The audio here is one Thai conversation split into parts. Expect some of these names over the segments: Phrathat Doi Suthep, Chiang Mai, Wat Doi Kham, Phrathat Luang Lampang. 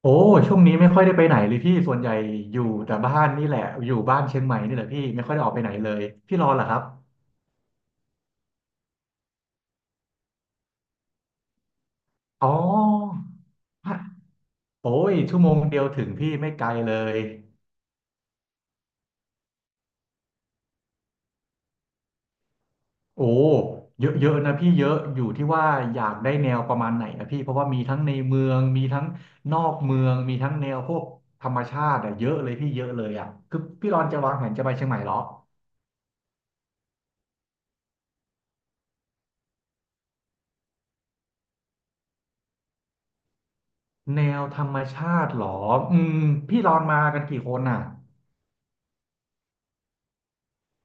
โอ้ช่วงนี้ไม่ค่อยได้ไปไหนเลยพี่ส่วนใหญ่อยู่แต่บ้านนี่แหละอยู่บ้านเชียงใหม่นี่แหละพี่ไม่ค่อยได้ออกไปไหนเลยพี่รอเหรอครับอ๋อฮะโอ้ยชั่วโมงเดียวถึงพี่ไม่ไกลเลยโอ้เยอะเยอะนะพี่เยอะอยู่ที่ว่าอยากได้แนวประมาณไหนนะพี่เพราะว่ามีทั้งในเมืองมีทั้งนอกเมืองมีทั้งแนวพวกธรรมชาติอะเยอะเลยพี่เยอะเลยอะคือพี่รอนจะวางแผนจะไปเชียงใหม่เหรอแนวธรรมชาติเหรออืมพี่รอนมากันกี่คนอ่ะ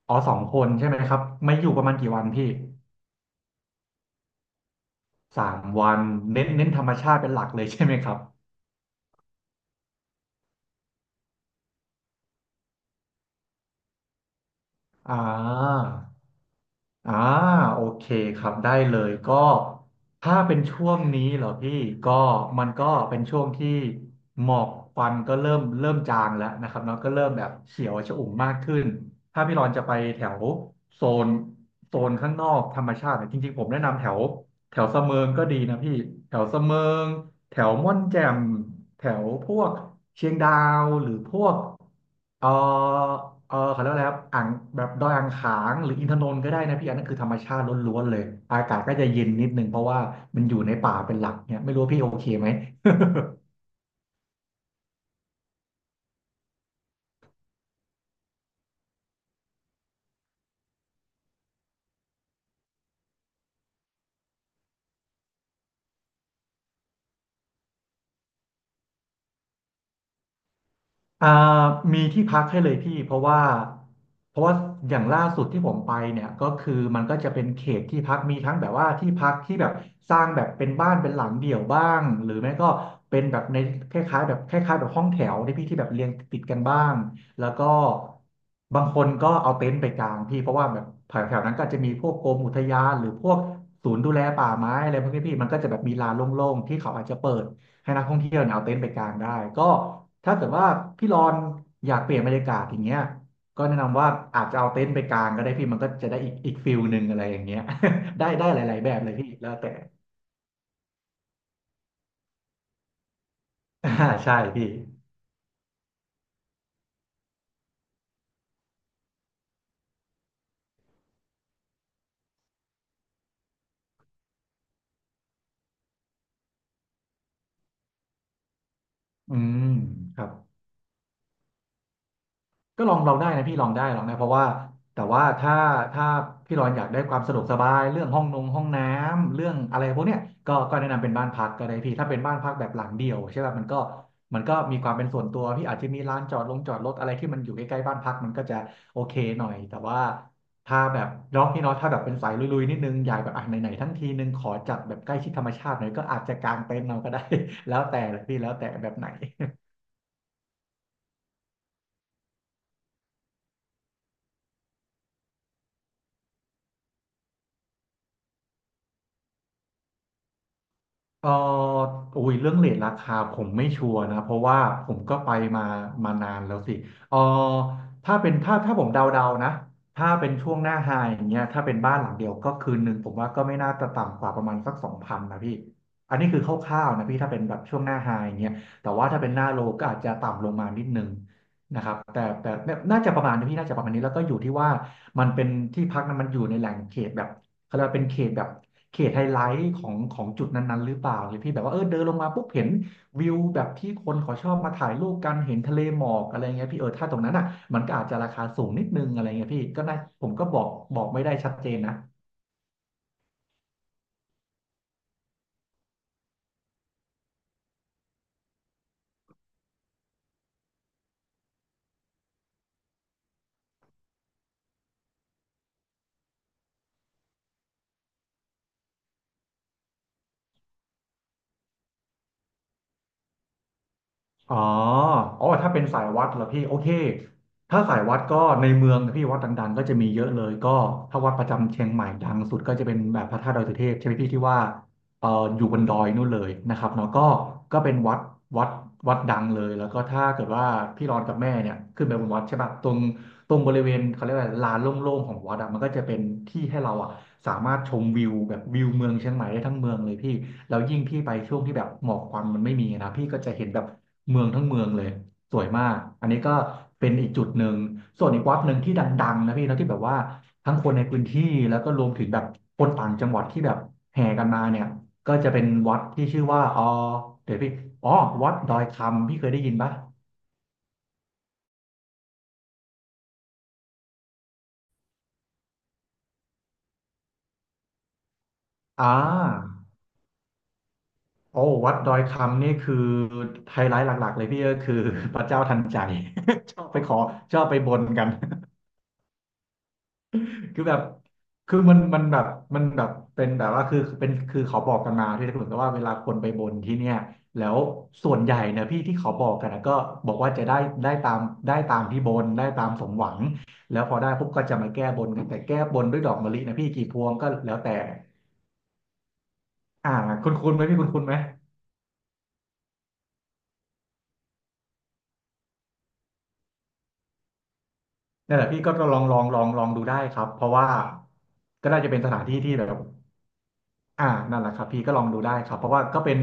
อ๋อสองคนใช่ไหมครับไม่อยู่ประมาณกี่วันพี่สามวันเน้นเน้นธรรมชาติเป็นหลักเลย ใช่ไหมครับอ่าอ่าโอเคครับได้เลยก็ถ้าเป็นช่วงนี้เหรอพี่ก็มันก็เป็นช่วงที่หมอกควันก็เริ่มจางแล้วนะครับเนาะก็เริ่มแบบเขียวชอุ่มมากขึ้นถ้าพี่รอนจะไปแถวโซนโซนข้างนอกธรรมชาติเนี่ยจริงๆผมแนะนำแถวแถวเสมิงก็ดีนะพี่แถวเสมิง แถวม่อนแจ่มแถวพวกเชียงดาวหรือพวกเออเออเขาเรียกว่าอะไรครับอ่างแบบดอยอ่างขางหรืออินทนนท์ก็ได้นะพี่อันนั้นคือธรรมชาติล้วนๆเลยอากาศก็จะเย็นนิดนึงเพราะว่ามันอยู่ในป่าเป็นหลักเนี่ยไม่รู้ว่าพี่โอเคไหม อ่ามีที่พักให้เลยพี่เพราะว่าอย่างล่าสุดที่ผมไปเนี่ยก็คือมันก็จะเป็นเขตที่พักมีทั้งแบบว่าที่พักที่แบบสร้างแบบเป็นบ้านเป็นหลังเดี่ยวบ้างหรือไม่ก็เป็นแบบในคล้ายๆแบบคล้ายๆแบบห้องแถวที่พี่ที่แบบเรียงติดกันบ้างแล้วก็บางคนก็เอาเต็นท์ไปกางพี่เพราะว่าแบบแถวๆนั้นก็อาจจะมีพวกกรมอุทยานหรือพวกศูนย์ดูแลป่าไม้อะไรพวกนี้พี่มันก็จะแบบมีลานโล่งๆที่เขาอาจจะเปิด ให้นักท่องเที่ยวเนี่ยเอาเต็นท์ไปกางได้ก็ถ้าเกิดว่าพี่รอนอยากเปลี่ยนบรรยากาศอย่างเงี้ยก็แนะนำว่าอาจจะเอาเต็นท์ไปกางก็ได้พี่มันก็จะได้อีกฟิลหนึ่งอะไรอย่างเงี้ย ได้ได้หลายๆแบบเลยพี่แล้วแต่ อ่าใช่พี่อืมครับ ก็ลองเราได้นะพี่ลองได้ลองได้เพราะว่าแต่ว่าถ้าพี่รอนอยากได้ความสะดวกสบายเรื่องห้องนงห้องน้ำเรื่องอะไรพวกเนี้ยก็แนะนำเป็นบ้านพักก็ได้พี่ถ้าเป็นบ้านพักแบบหลังเดียวใช่ป่ะมันก็มีความเป็นส่วนตัวพี่อาจจะมีร้านจอดลงจอดรถอะไรที่มันอยู่ใกล้ๆบ้านพักมันก็จะโอเคหน่อยแต่ว่าถ้าแบบเนาะพี่เนาะถ้าแบบเป็นสายลุยๆนิดนึงอยากแบบอ่ะไหนๆทั้งทีนึงขอจัดแบบใกล้ชิดธรรมชาติหน่อยก็อาจจะกางเต็นท์เราก็ได้ แล้วแต่เลยพี่แล้วแต่แบบไหน ก็อุ้ยเรื่องเรทราคาผมไม่ชัวร์นะเพราะว่าผมก็ไปมามานานแล้วสิเออถ้าเป็นถ้าผมเดาๆนะ ถ้าเป็นช่วงหน้าไฮอย่างเงี้ยถ้าเป็นบ้านหลังเดียวก็คืนหนึ่งผมว่าก็ไม่น่าจะต่ำกว่าประมาณสัก2,000นะพี่อันนี้คือคร่าวๆนะพี่ถ้าเป็นแบบช่วงหน้าไฮอย่างเงี้ยแต่ว่าถ้าเป็นหน้าโลก็อาจจะต่ำลงมานิดนึงนะครับแต่น่าจะประมาณนี้พี่น่าจะประมาณนี้แล้วก็อยู่ที่ว่ามันเป็นที่พักนั้นมันอยู่ในแหล่งเขตแบบ เขาเรียกว่าเป็นเขตแบบเขตไฮไลท์ของจุดนั้นๆหรือเปล่าเนี่ยพี่แบบว่าเออเดินลงมาปุ๊บเห็นวิวแบบที่คนเขาชอบมาถ่ายรูปกันเห็นทะเลหมอกอะไรเงี้ยพี่เออถ้าตรงนั้นอ่ะมันก็อาจจะราคาสูงนิดนึงอะไรเงี้ยพี่ก็น่าผมก็บอกไม่ได้ชัดเจนนะอ๋ออ๋อถ้าเป็นสายวัดเหรอพี่โอเคถ้าสายวัดก็ในเมืองนะพี่วัดดังๆก็จะมีเยอะเลยก็ถ้าวัดประจำเชียงใหม่ดังสุดก็จะเป็นแบบพระธาตุดอยสุเทพใช่ไหมพี่ที่ว่า เอ่ออยู่บนดอยนู่นเลยนะครับเนาะก็ก็เป็นวัดวัดดังเลยแล้วก็ถ้าเกิดว่าพี่รอนกับแม่เนี่ยขึ้นไปบนวัดใช่ปะตรงบริเวณเขาเรียกว่าลานโล่งๆของวัดอะมันก็จะเป็นที่ให้เราอะสามารถชมวิวแบบวิวเมืองเชียงใหม่ได้ทั้งเมืองเลยพี่แล้วยิ่งพี่ไปช่วงที่แบบหมอกควันมันไม่มีนะพี่ก็จะเห็นแบบเมืองทั้งเมืองเลยสวยมากอันนี้ก็เป็นอีกจุดหนึ่งส่วนอีกวัดหนึ่งที่ดังๆนะพี่นาะที่แบบว่า ทั้งคนในพื้นที่แล้วก็รวมถึงแบบคนต่างจังหวัดที่แบบแห่กันมาเนี่ยก็จะเป็นวัดที่ชื่อว่าอ๋อเดี๋ยวพี่อ๋อวัดดอยคำพี่เคยได้ยินปะอ่าโอ้วัดดอยคำนี่คือไฮไลท์หลักๆเลยพี่ก็คือ พระเจ้าทันใจชอบไปขอชอบไปบนกัน คือแบบคือมันแบบมันแบบเป็นแบบว่าคือเป็นคือเขาบอกกันมาที่เหมือนกับว่าเวลาคนไปบนที่เนี่ยแล้วส่วนใหญ่เนี่ยพี่ที่เขาบอกกันนะก็บอกว่าจะได้ได้ตามได้ตามที่บนได้ตามสมหวังแล้วพอได้ปุ๊บก็จะมาแก้บนกันแต่แก้บนด้วยดอกมะลินะพี่กี่พวงก็แล้วแต่อ่าคุณคุณไหมพี่คุณคุณไหมนั่นแหละพี่ก็ลองลองดูได้ครับเพราะว่าก็น่าจะเป็นสถานที่ที่แบบอ่านั่นแหละครับพี่ก็ลองดูได้ครับเพราะว่าก็เป็น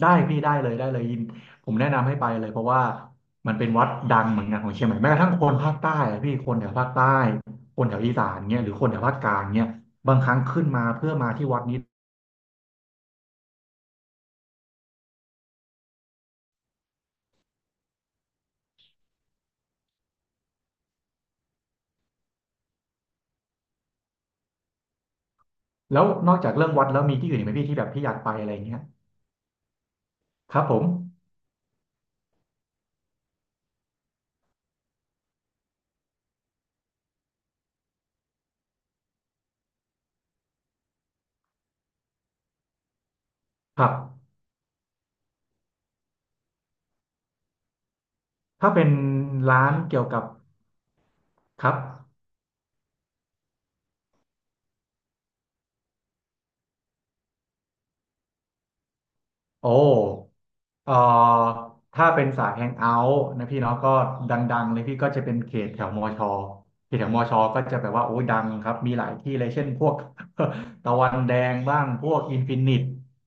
ได้พี่ได้เลยได้เลยยินผมแนะนำให้ไปเลยเพราะว่ามันเป็นวัดดังเหมือนกันของเชียงใหม่แม้กระทั่งคนภาคใต้อะพี่คนแถวภาคใต้คนแถวอีสานเนี่ยหรือคนแถวภาคกลางเนี่ยบางครั้งขึ้นมาเพื่อมาที่วัดนี้แล้วนอกจากเรื่องวัดแล้วมีที่อื่นอีกไหมพี่ที่แบบพี่อยากไปอะไรอย่างเงี้ยครับผมครับถ้าเป็นร้านเกี่ยวกับครับ โอ้เอ่อถ้าเป็นสายแฮงเอาท์นะพี่เนาะก็ดังๆเลยพี่ก็จะเป็นเขตแถวมอชอเขตแถวมอชอก็จะแบบว่าโอ้ยดังครับมีหลายที่เลยเช่นพวก ตะวันแดงบ้างพวกอินฟินิต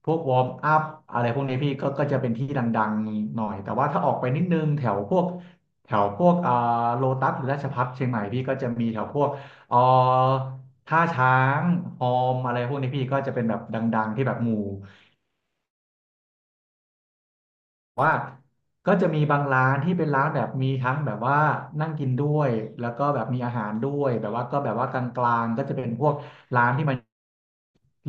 พวกวอร์มอัพอะไรพวกนี้พี่ก็ก็จะเป็นที่ดังๆหน่อยแต่ว่าถ้าออกไปนิดนึงแถวพวกโลตัสหรือราชภัฏเชียงใหม่พี่ก็จะมีแถวพวกเอ่อท่าช้างฮอมอะไรพวกนี้พี่ก็จะเป็นแบบดังๆที่แบบหมู่ ก็จะมีบางร้านที่เป็นร้านแบบมีทั้งแบบว่านั่งกินด้วยแล้วก็แบบมีอาหารด้วยแบบว่าก็แบบว่ากลางๆก็จะเป็นพวกร้านที่มัน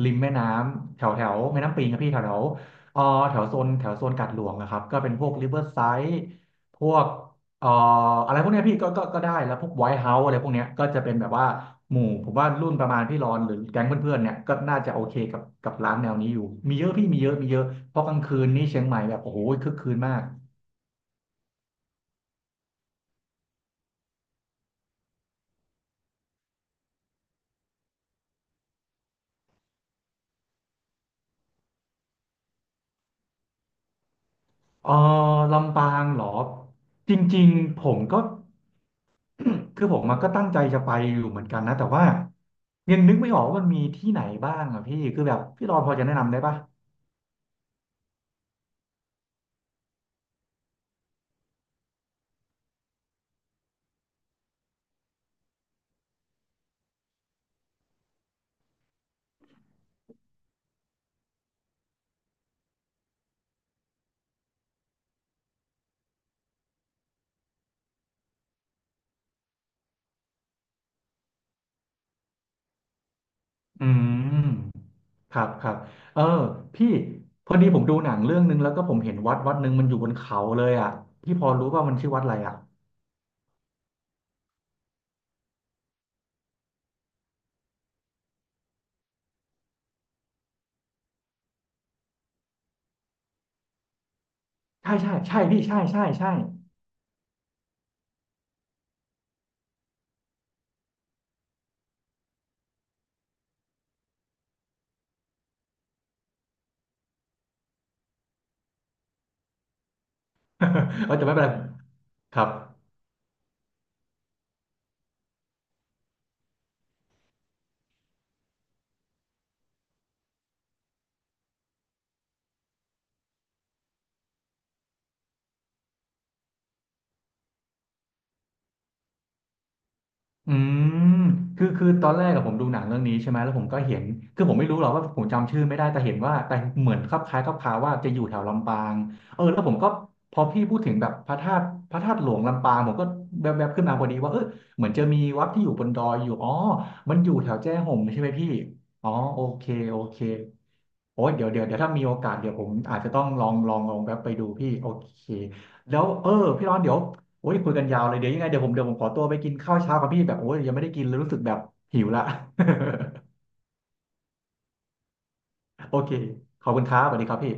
ริมแม่น้ำแถวแถวแม่น้ำปิงครับพี่แถวแถวเอ่อแถวโซนกาดหลวงนะครับก็เป็นพวกริเวอร์ไซด์พวกเอ่ออะไรพวกเนี้ยพี่ก็ก็ก็ได้แล้วพวกไวท์เฮาส์อะไรพวกเนี้ยก็จะเป็นแบบว่าหมู่ผมว่ารุ่นประมาณพี่รอนหรือแก๊งเพื่อนๆเนี่ยก็น่าจะโอเคกับร้านแนวนี้อยู่มีเยอะพี่มีเยอะมีเยอะเพราะกลางคืนนี่เชียงใหม่แบบโอ้โหคึกคืนมาก เออลำปางเหรอจริงๆผมก็ คือผมมาก็ตั้งใจจะไปอยู่เหมือนกันนะแต่ว่ายังนึกไม่ออกว่ามันมีที่ไหนบ้างอะพี่คือแบบพี่รอนพอจะแนะนำได้ปะอืมครับครับเออพี่พอดีผมดูหนังเรื่องนึงแล้วก็ผมเห็นวัดวัดหนึ่งมันอยู่บนเขาเลยอะพี่พอรู้ว่ามันชื่อวัดอะไรอะใช่ใช่ใช่พี่ใช่ใช่ใช่ เออแต่ไม่เป็นไรครับ อืมคือคือตอนแรกกับผมดูหนังเรื่องนี้ใช่ไหมแล้วผมก็เห็นคือผมไม่รู้หรอกว่าผมจำชื่อไม่ได้แต่เห็นว่าแต่เหมือนคลับคล้ายคลับคาว่าจะอยู่แถวลำปางเออแล้วผมก็พอพี่พูดถึงแบบพระธาตุพระธาตุหลวงลำปางผมก็แวบๆขึ้นมาพอดีว่าเออเหมือนจะมีวัดที่อยู่บนดอยอยู่อ๋อมันอยู่แถวแจ้ห่มใช่ไหมพี่อ๋อโอเคโอเคโอ้ยเดี๋ยวเดี๋ยวเดี๋ยวถ้ามีโอกาสเดี๋ยวผมอาจจะต้องลองแวบไปดูพี่โอเคแล้วเออพี่ร้อนเดี๋ยว โอ้ยคุยกันยาวเลยเดี๋ยวยังไงเดี๋ยวผมขอตัวไปกินข้าวเช้าครับพี่แบบโอ้ยยังไม่ได้กินเลยรู้สึกแบบหิวละ โอเคขอบคุณครับสวัสดีครับพี่